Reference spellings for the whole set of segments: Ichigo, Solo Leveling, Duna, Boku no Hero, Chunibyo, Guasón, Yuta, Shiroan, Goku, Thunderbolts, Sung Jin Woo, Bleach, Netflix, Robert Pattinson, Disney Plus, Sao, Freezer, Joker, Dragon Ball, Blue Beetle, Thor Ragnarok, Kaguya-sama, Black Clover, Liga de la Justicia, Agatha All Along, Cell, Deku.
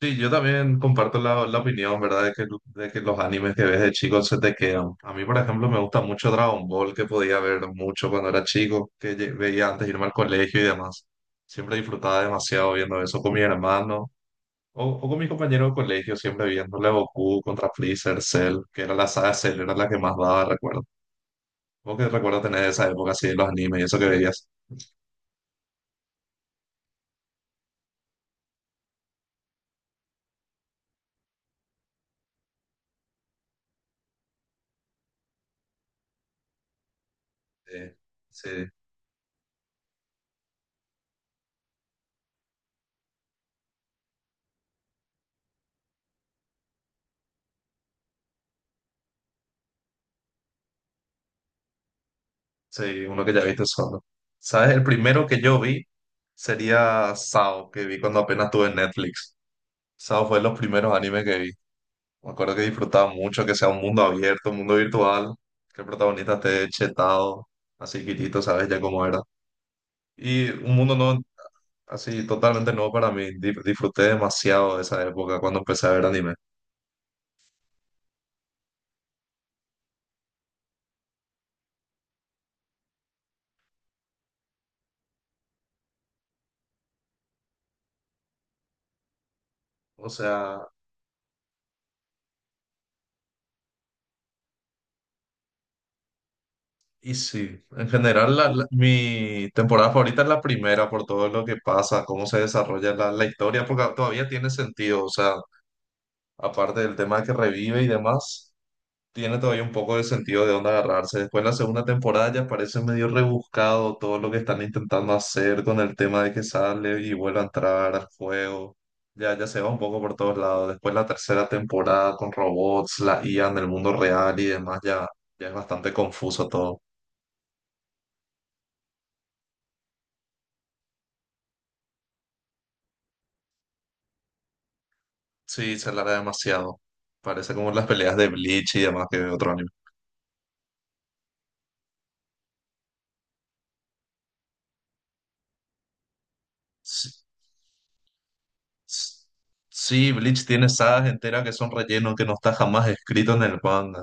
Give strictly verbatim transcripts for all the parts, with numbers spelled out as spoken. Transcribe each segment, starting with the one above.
Sí, yo también comparto la, la opinión, ¿verdad? De que, de que los animes que ves de chicos se te quedan. A mí, por ejemplo, me gusta mucho Dragon Ball, que podía ver mucho cuando era chico, que lle- veía antes de irme al colegio y demás. Siempre disfrutaba demasiado viendo eso con mi hermano o, o con mi compañero de colegio, siempre viéndole Goku contra Freezer, Cell, que era la saga Cell, era la que más daba, recuerdo. ¿Vos qué recuerdo tener de esa época así de los animes y eso que veías? Sí, sí. Sí, uno que ya viste solo. ¿Sabes? El primero que yo vi sería Sao, que vi cuando apenas tuve Netflix. Sao fue de los primeros animes que vi. Me acuerdo que disfrutaba mucho que sea un mundo abierto, un mundo virtual, que el protagonista esté chetado, así quitito, ¿sabes? Ya cómo era. Y un mundo no, así totalmente nuevo para mí. Di- Disfruté demasiado de esa época cuando empecé a ver anime. O sea, y sí, en general la- la- mi temporada favorita es la primera por todo lo que pasa, cómo se desarrolla la, la historia, porque todavía tiene sentido, o sea, aparte del tema que revive y demás, tiene todavía un poco de sentido de dónde agarrarse. Después la segunda temporada ya parece medio rebuscado todo lo que están intentando hacer con el tema de que sale y vuelve a entrar al juego. Ya, ya se va un poco por todos lados. Después la tercera temporada con robots, la I A en el mundo real y demás, ya, ya es bastante confuso todo. Sí, se alarga demasiado. Parece como las peleas de Bleach y demás que de otro anime. Sí, s- sí, Bleach tiene sagas enteras que son relleno, que no está jamás escrito en el manga.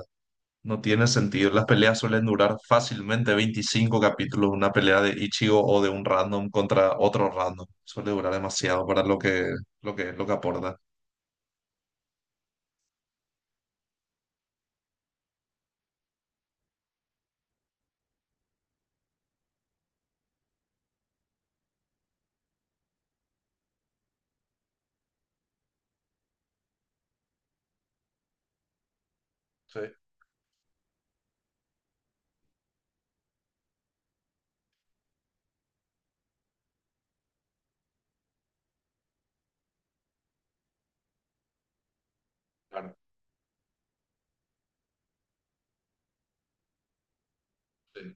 No tiene sentido. Las peleas suelen durar fácilmente veinticinco capítulos. Una pelea de Ichigo o de un random contra otro random. Suele durar demasiado para lo que, lo que, lo que aporta. Sí, claro. Sí.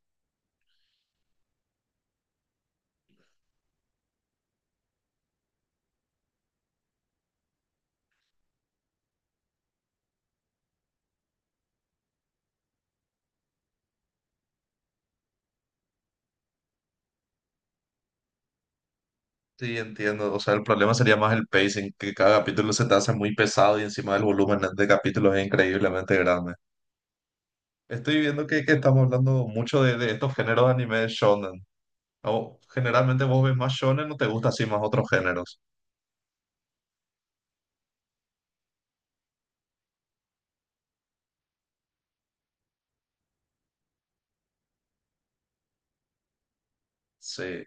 Sí, entiendo. O sea, el problema sería más el pacing, que cada capítulo se te hace muy pesado y encima el volumen de capítulos es increíblemente grande. Estoy viendo que, que estamos hablando mucho de, de estos géneros de anime shonen. O, generalmente vos ves más shonen o te gusta así más otros géneros. Sí,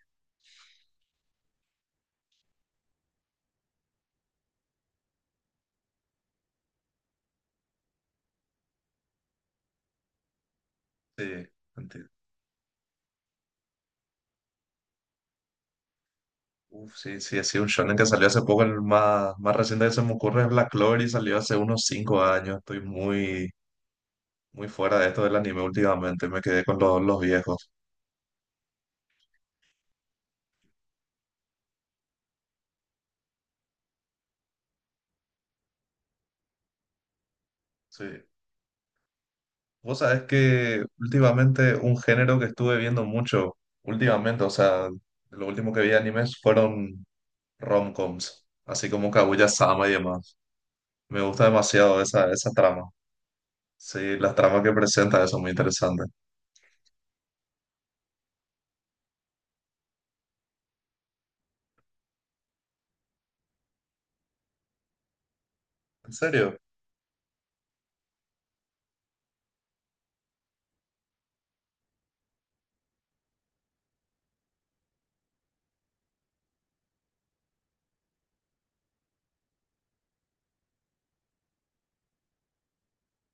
sí, entiendo. Uf, sí, sí, así un shonen que salió hace poco, el más, más reciente que se me ocurre es Black Clover y salió hace unos cinco años. Estoy muy, muy fuera de esto del anime últimamente, me quedé con los, los viejos. Sí. Vos sabés que últimamente un género que estuve viendo mucho, últimamente, o sea, lo último que vi de animes fueron rom-coms así como Kaguya-sama y demás. Me gusta demasiado esa, esa trama. Sí, las tramas que presenta son muy interesantes. ¿En serio?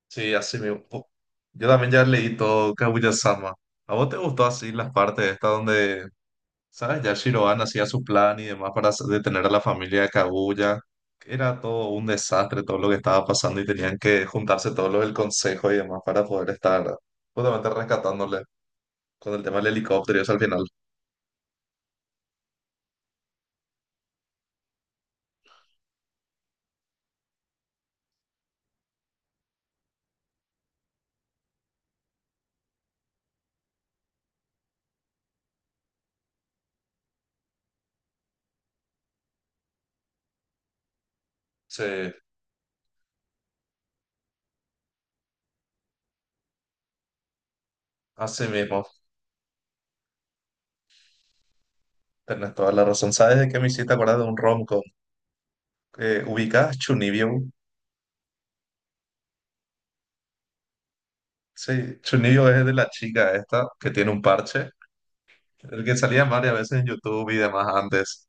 Sí, así me... po- Yo también ya leí todo Kaguya-sama. ¿A vos te gustó así las partes estas donde, sabes, ya Shiroan hacía su plan y demás para s- detener a la familia de Kaguya? Era todo un desastre, todo lo que estaba pasando y tenían que juntarse todos los del consejo y demás para poder estar justamente rescatándole con el tema del helicóptero y eso al final. Sí. Así mismo. Tenés toda la razón. ¿Sabes de qué me hiciste acordar de un romcom? Eh, ¿ubicás Chunibyo? Sí, Chunibyo es de la chica esta que tiene un parche, el que salía varias veces en YouTube y demás antes,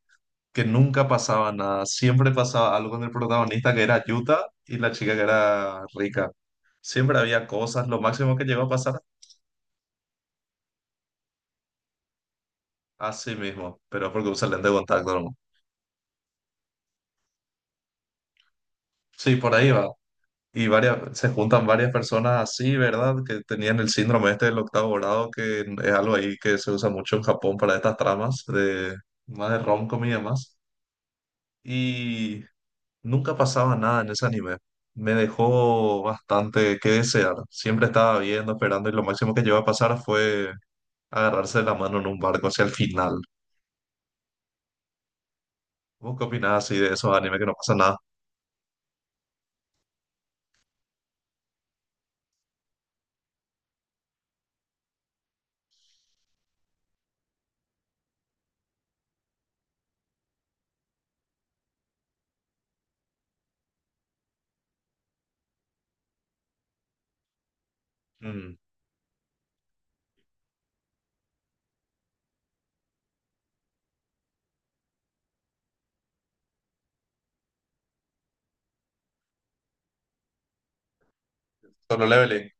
que nunca pasaba nada. Siempre pasaba algo con el protagonista que era Yuta y la chica que era rica. Siempre había cosas, lo máximo que llegó a pasar, así mismo, pero porque un excelente contacto, ¿no? Sí, por ahí va. Y varias, se juntan varias personas así, ¿verdad? Que tenían el síndrome este del octavo grado, que es algo ahí que se usa mucho en Japón para estas tramas de más de rom y demás. Y nunca pasaba nada en ese anime. Me dejó bastante que desear. Siempre estaba viendo, esperando, y lo máximo que llegó a pasar fue agarrarse la mano en un barco hacia el final. ¿Vos qué opinás así de esos animes que no pasa nada? Mm. Solo Leveling.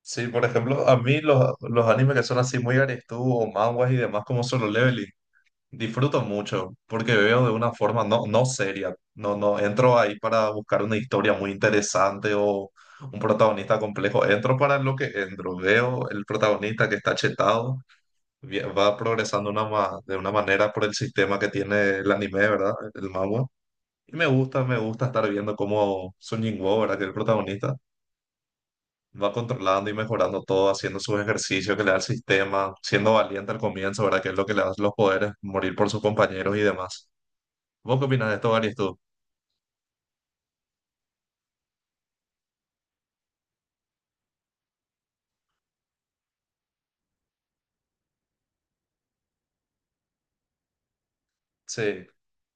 Sí, por ejemplo, a mí los, los animes que son así muy Arestu o manhwas y demás como Solo Leveling, disfruto mucho porque veo de una forma no, no seria. No, no entro ahí para buscar una historia muy interesante o un protagonista complejo. Entro para lo que entro. Veo el protagonista que está chetado, vi- va progresando una, ma- de una manera por el sistema que tiene el anime, ¿verdad? El manhwa. Y me gusta, me gusta estar viendo cómo Sung Jin Woo, ¿verdad? Que es el protagonista va controlando y mejorando todo, haciendo sus ejercicios que le da el sistema, siendo valiente al comienzo, ¿verdad? Que es lo que le da los poderes, morir por sus compañeros y demás. ¿Vos qué opinas de esto, Gary, tú? Sí.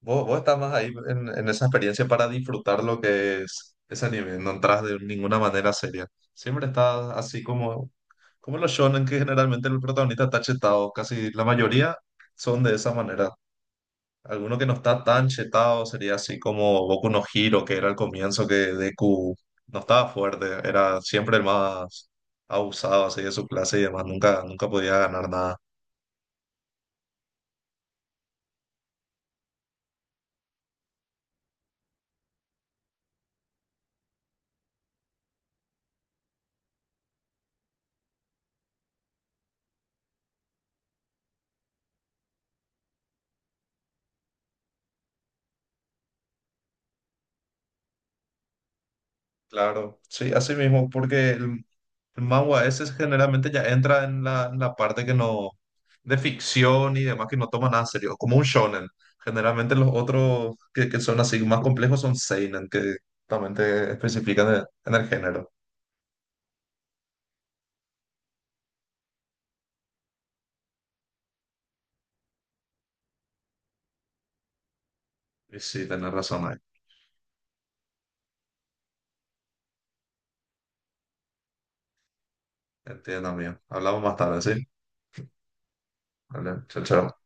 Vos, vos estás más ahí en, en esa experiencia para disfrutar lo que es ese anime, no entras de ninguna manera seria. Siempre estás así como, como los shonen, que generalmente el protagonista está chetado, casi la mayoría son de esa manera. Alguno que no está tan chetado sería así como Boku no Hero, que era el comienzo que Deku no estaba fuerte, era siempre el más abusado así de su clase y demás, nunca, nunca podía ganar nada. Claro, sí, así mismo, porque el, el manga ese generalmente ya entra en la, en la parte que no, de ficción y demás, que no toma nada serio, como un shonen. Generalmente los otros que, que son así más complejos son seinen, que también te especifican en, en el género. Y sí, tenés razón ahí. Entiendo, amigo. Hablamos más tarde, ¿sí? Vale, chao, chao.